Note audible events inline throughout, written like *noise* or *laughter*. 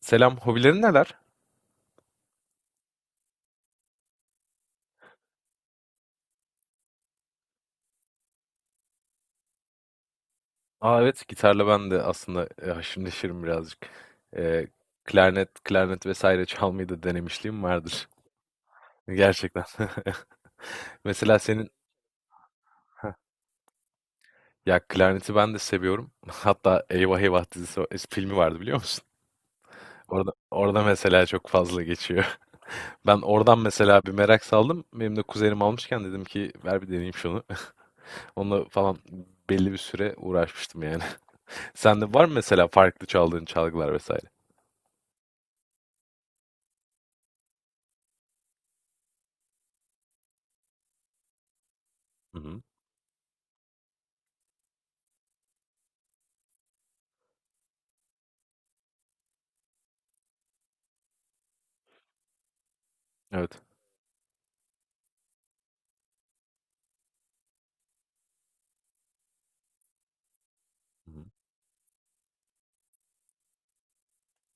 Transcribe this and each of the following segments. Selam, hobilerin neler? Aa evet, gitarla ben de aslında haşır neşirim birazcık. E, klarnet vesaire çalmayı da denemişliğim vardır. *laughs* Gerçekten. *laughs* Mesela senin, ya klarneti ben de seviyorum. *laughs* Hatta Eyvah Eyvah dizisi filmi vardı biliyor musun? Orada mesela çok fazla geçiyor. *laughs* Ben oradan mesela bir merak saldım. Benim de kuzenim almışken dedim ki ver bir deneyeyim şunu. *laughs* Onunla falan belli bir süre uğraşmıştım yani. *laughs* Sende var mı mesela farklı çaldığın çalgılar vesaire? Hı hı. Evet.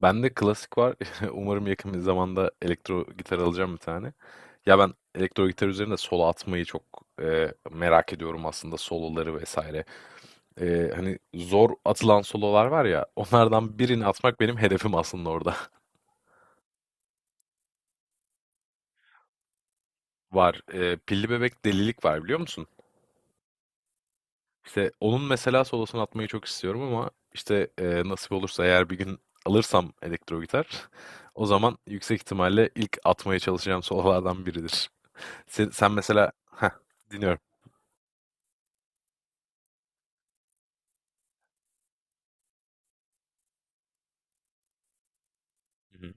Bende klasik var. *laughs* Umarım yakın bir zamanda elektro gitar alacağım bir tane. Ya ben elektro gitar üzerinde solo atmayı çok merak ediyorum aslında soloları vesaire. Hani zor atılan sololar var ya onlardan birini atmak benim hedefim aslında orada. *laughs* Var. Pilli Bebek Delilik var biliyor musun? İşte onun mesela solosunu atmayı çok istiyorum ama işte nasip olursa eğer bir gün alırsam elektro gitar *laughs* o zaman yüksek ihtimalle ilk atmaya çalışacağım sololardan biridir. Sen mesela Heh, dinliyorum. Hı hı.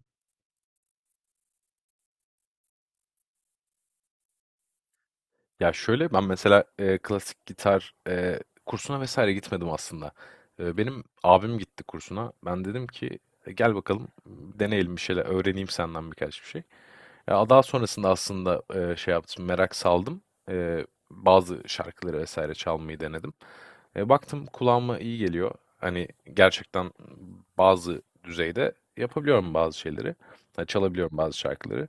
Ya şöyle, ben mesela, klasik gitar, kursuna vesaire gitmedim aslında. Benim abim gitti kursuna. Ben dedim ki, "E, gel bakalım, deneyelim bir şeyler, öğreneyim senden birkaç bir şey." Ya daha sonrasında aslında şey yaptım, merak saldım. Bazı şarkıları vesaire çalmayı denedim. Baktım kulağıma iyi geliyor. Hani gerçekten bazı düzeyde yapabiliyorum bazı şeyleri. Ha, çalabiliyorum bazı şarkıları.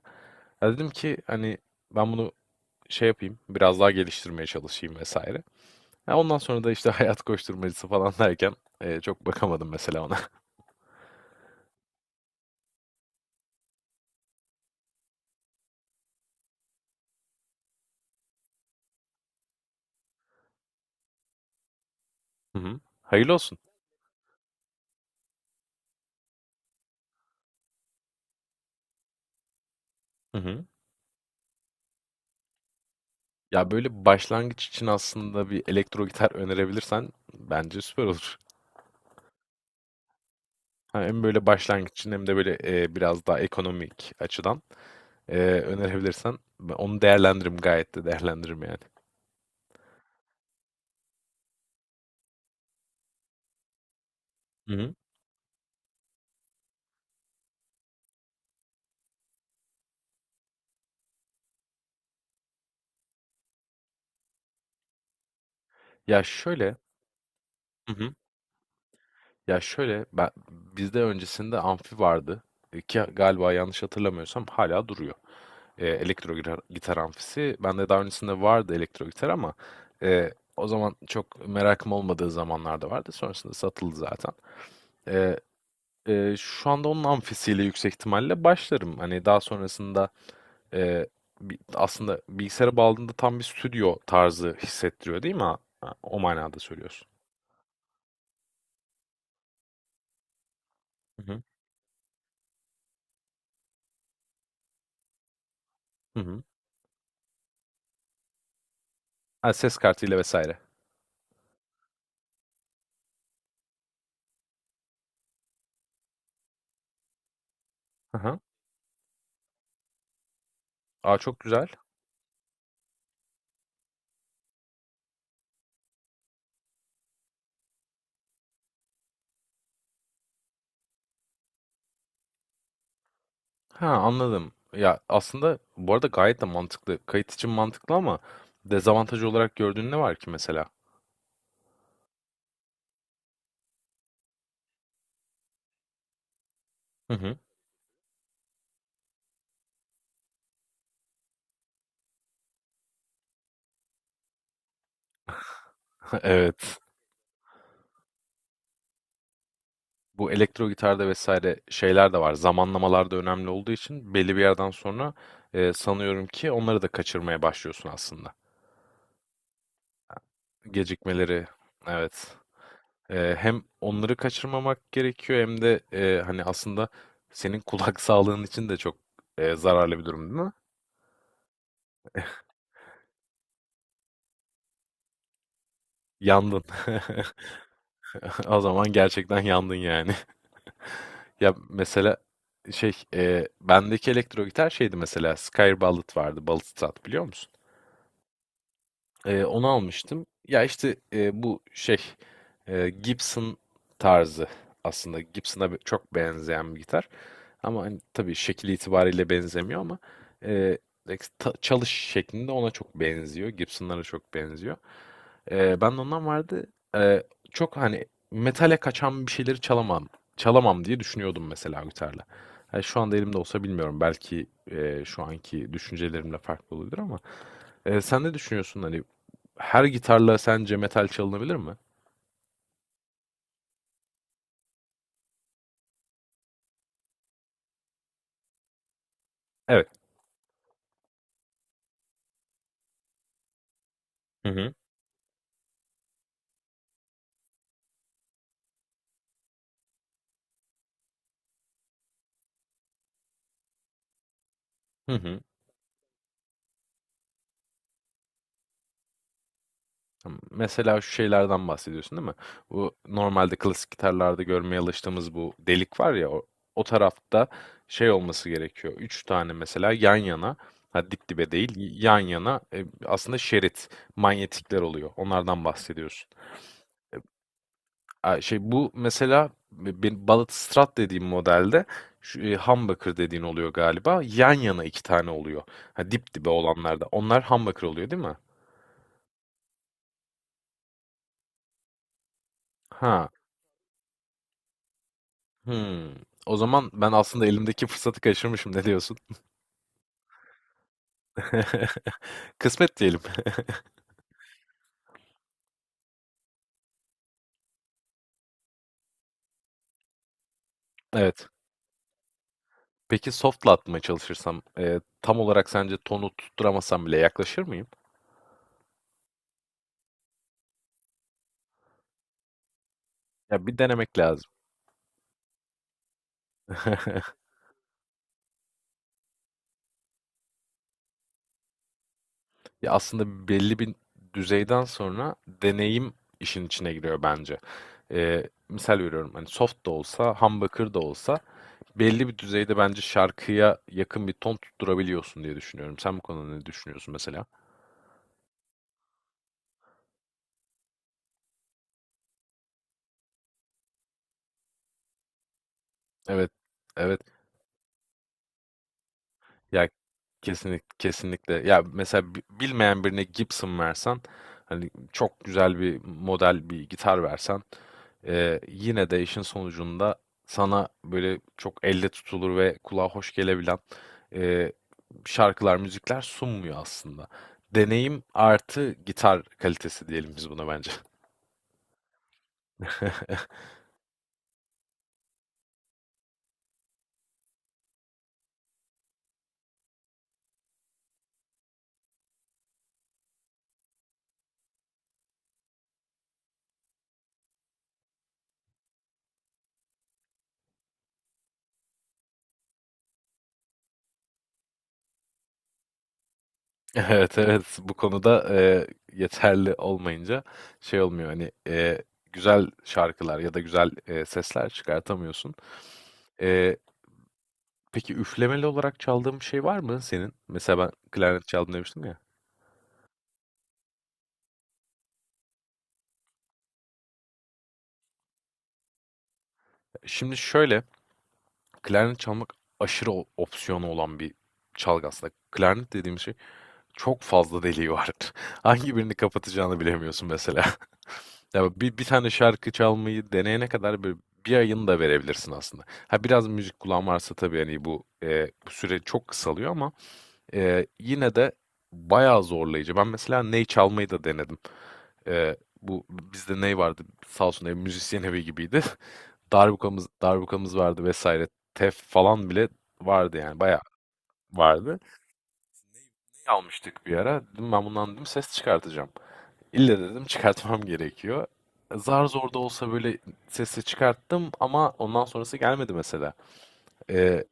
Ya dedim ki hani ben bunu şey yapayım, biraz daha geliştirmeye çalışayım vesaire. Ya ondan sonra da işte *laughs* hayat koşturmacası falan derken çok bakamadım mesela ona. *laughs* Hı hı. Hayırlı olsun. Hı hı. Ya, böyle başlangıç için aslında bir elektro gitar önerebilirsen bence süper olur. Ha, hem böyle başlangıç için hem de böyle, biraz daha ekonomik açıdan, önerebilirsen onu değerlendiririm, gayet de değerlendiririm yani. Hı hı. Ya, şöyle. Hı hı. Ya, şöyle, ben bizde öncesinde amfi vardı, ki galiba yanlış hatırlamıyorsam hala duruyor. Elektro gitar amfisi. Bende daha öncesinde vardı elektro gitar ama, o zaman çok merakım olmadığı zamanlarda vardı. Sonrasında satıldı zaten. Eee, şu anda onun amfisiyle yüksek ihtimalle başlarım. Hani daha sonrasında eee, aslında bilgisayara bağladığında tam bir stüdyo tarzı hissettiriyor değil mi? Ha, ha, o manada söylüyorsun. Hı hı. Hı hı. Ha, ses kartıyla vesaire. Hı hı. Aa çok güzel. Ha anladım. Ya aslında bu arada gayet de mantıklı. Kayıt için mantıklı ama dezavantaj olarak gördüğün ne var ki mesela? Hı hı. *laughs* Evet. Bu elektro gitarda vesaire şeyler de var. Zamanlamalar da önemli olduğu için belli bir yerden sonra sanıyorum ki onları da kaçırmaya başlıyorsun aslında. Gecikmeleri, evet. Hem onları kaçırmamak gerekiyor hem de hani aslında senin *laughs* kulak sağlığın için de çok zararlı bir durum değil mi? Yandın. *laughs* O zaman gerçekten yandın yani. *laughs* Ya mesela şey, bendeki elektro gitar şeydi mesela Skyr Ballad vardı, Ballad Strat biliyor musun? Onu almıştım. Ya işte bu şey Gibson tarzı aslında çok benzeyen bir gitar. Ama hani tabii şekil itibariyle benzemiyor ama eee, çalış şeklinde ona çok benziyor. Gibson'lara çok benziyor. Ben de ondan vardı. Eee, çok hani metale kaçan bir şeyleri çalamam. Çalamam diye düşünüyordum mesela gitarla. Yani şu anda elimde olsa bilmiyorum. Belki şu anki düşüncelerimle farklı oluyordur ama sen ne düşünüyorsun hani her gitarla sence metal çalınabilir mi? Evet. Hı hı. Hı hı. Tamam. Mesela şu şeylerden bahsediyorsun değil mi? Bu normalde klasik gitarlarda görmeye alıştığımız bu delik var ya o, o tarafta şey olması gerekiyor. Üç tane mesela yan yana, ha dip dibe değil yan yana, aslında şerit manyetikler oluyor. Onlardan bahsediyorsun. Ay, şey bu mesela bir Balıtstrat dediğim modelde şu, humbucker dediğin oluyor galiba. Yan yana iki tane oluyor. Ha, dip dibe olanlarda. Onlar humbucker oluyor değil mi? Ha. Hmm. O zaman ben aslında elimdeki fırsatı kaçırmışım. Ne diyorsun? *laughs* Kısmet diyelim. *laughs* Evet. Peki soft atmaya çalışırsam tam olarak sence tonu tutturamasam bile yaklaşır mıyım? Ya bir denemek lazım. *laughs* Ya aslında belli bir düzeyden sonra deneyim işin içine giriyor bence. Misal veriyorum hani soft da olsa, humbucker da olsa belli bir düzeyde bence şarkıya yakın bir ton tutturabiliyorsun diye düşünüyorum. Sen bu konuda ne düşünüyorsun mesela? Evet, evet. Ya kesinlikle. Ya mesela bilmeyen birine Gibson versen hani çok güzel bir model bir gitar versen yine de işin sonucunda sana böyle çok elle tutulur ve kulağa hoş gelebilen e, şarkılar, müzikler sunmuyor aslında. Deneyim artı gitar kalitesi diyelim biz buna bence. *laughs* Evet, evet. Bu konuda, yeterli olmayınca şey olmuyor, hani, güzel şarkılar ya da güzel, sesler çıkartamıyorsun. Eee, peki üflemeli olarak çaldığın bir şey var mı senin? Mesela ben klarnet çaldım demiştim ya. Şimdi şöyle, klarnet çalmak aşırı o opsiyonu olan bir çalgı aslında. Klarnet dediğim şey çok fazla deliği var. *laughs* Hangi birini kapatacağını bilemiyorsun mesela. Ya bir tane şarkı çalmayı deneyene kadar böyle bir ayını da verebilirsin aslında. Ha biraz müzik kulağın varsa tabii hani bu, bu süre çok kısalıyor ama yine de bayağı zorlayıcı. Ben mesela ney çalmayı da denedim. Bu bizde ney vardı, sağ olsun ev müzisyen evi gibiydi. *laughs* Darbukamız vardı vesaire. Tef falan bile vardı yani bayağı vardı. Ney almıştık bir ara. Dedim ben bundan dedim ses çıkartacağım. İlle dedim çıkartmam gerekiyor. Zar zor da olsa böyle sesi çıkarttım ama ondan sonrası gelmedi mesela. Ee,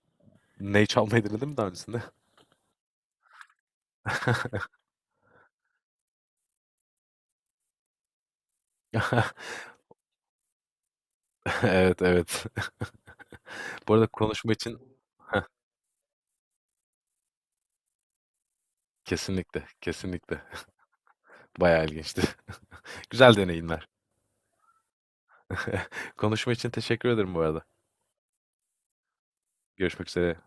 ney çalmayı denedim mi daha öncesinde? *laughs* Evet evet. Bu arada konuşma için kesinlikle kesinlikle bayağı ilginçti. *laughs* Güzel deneyimler. *laughs* Konuşma için teşekkür ederim bu arada. Görüşmek üzere.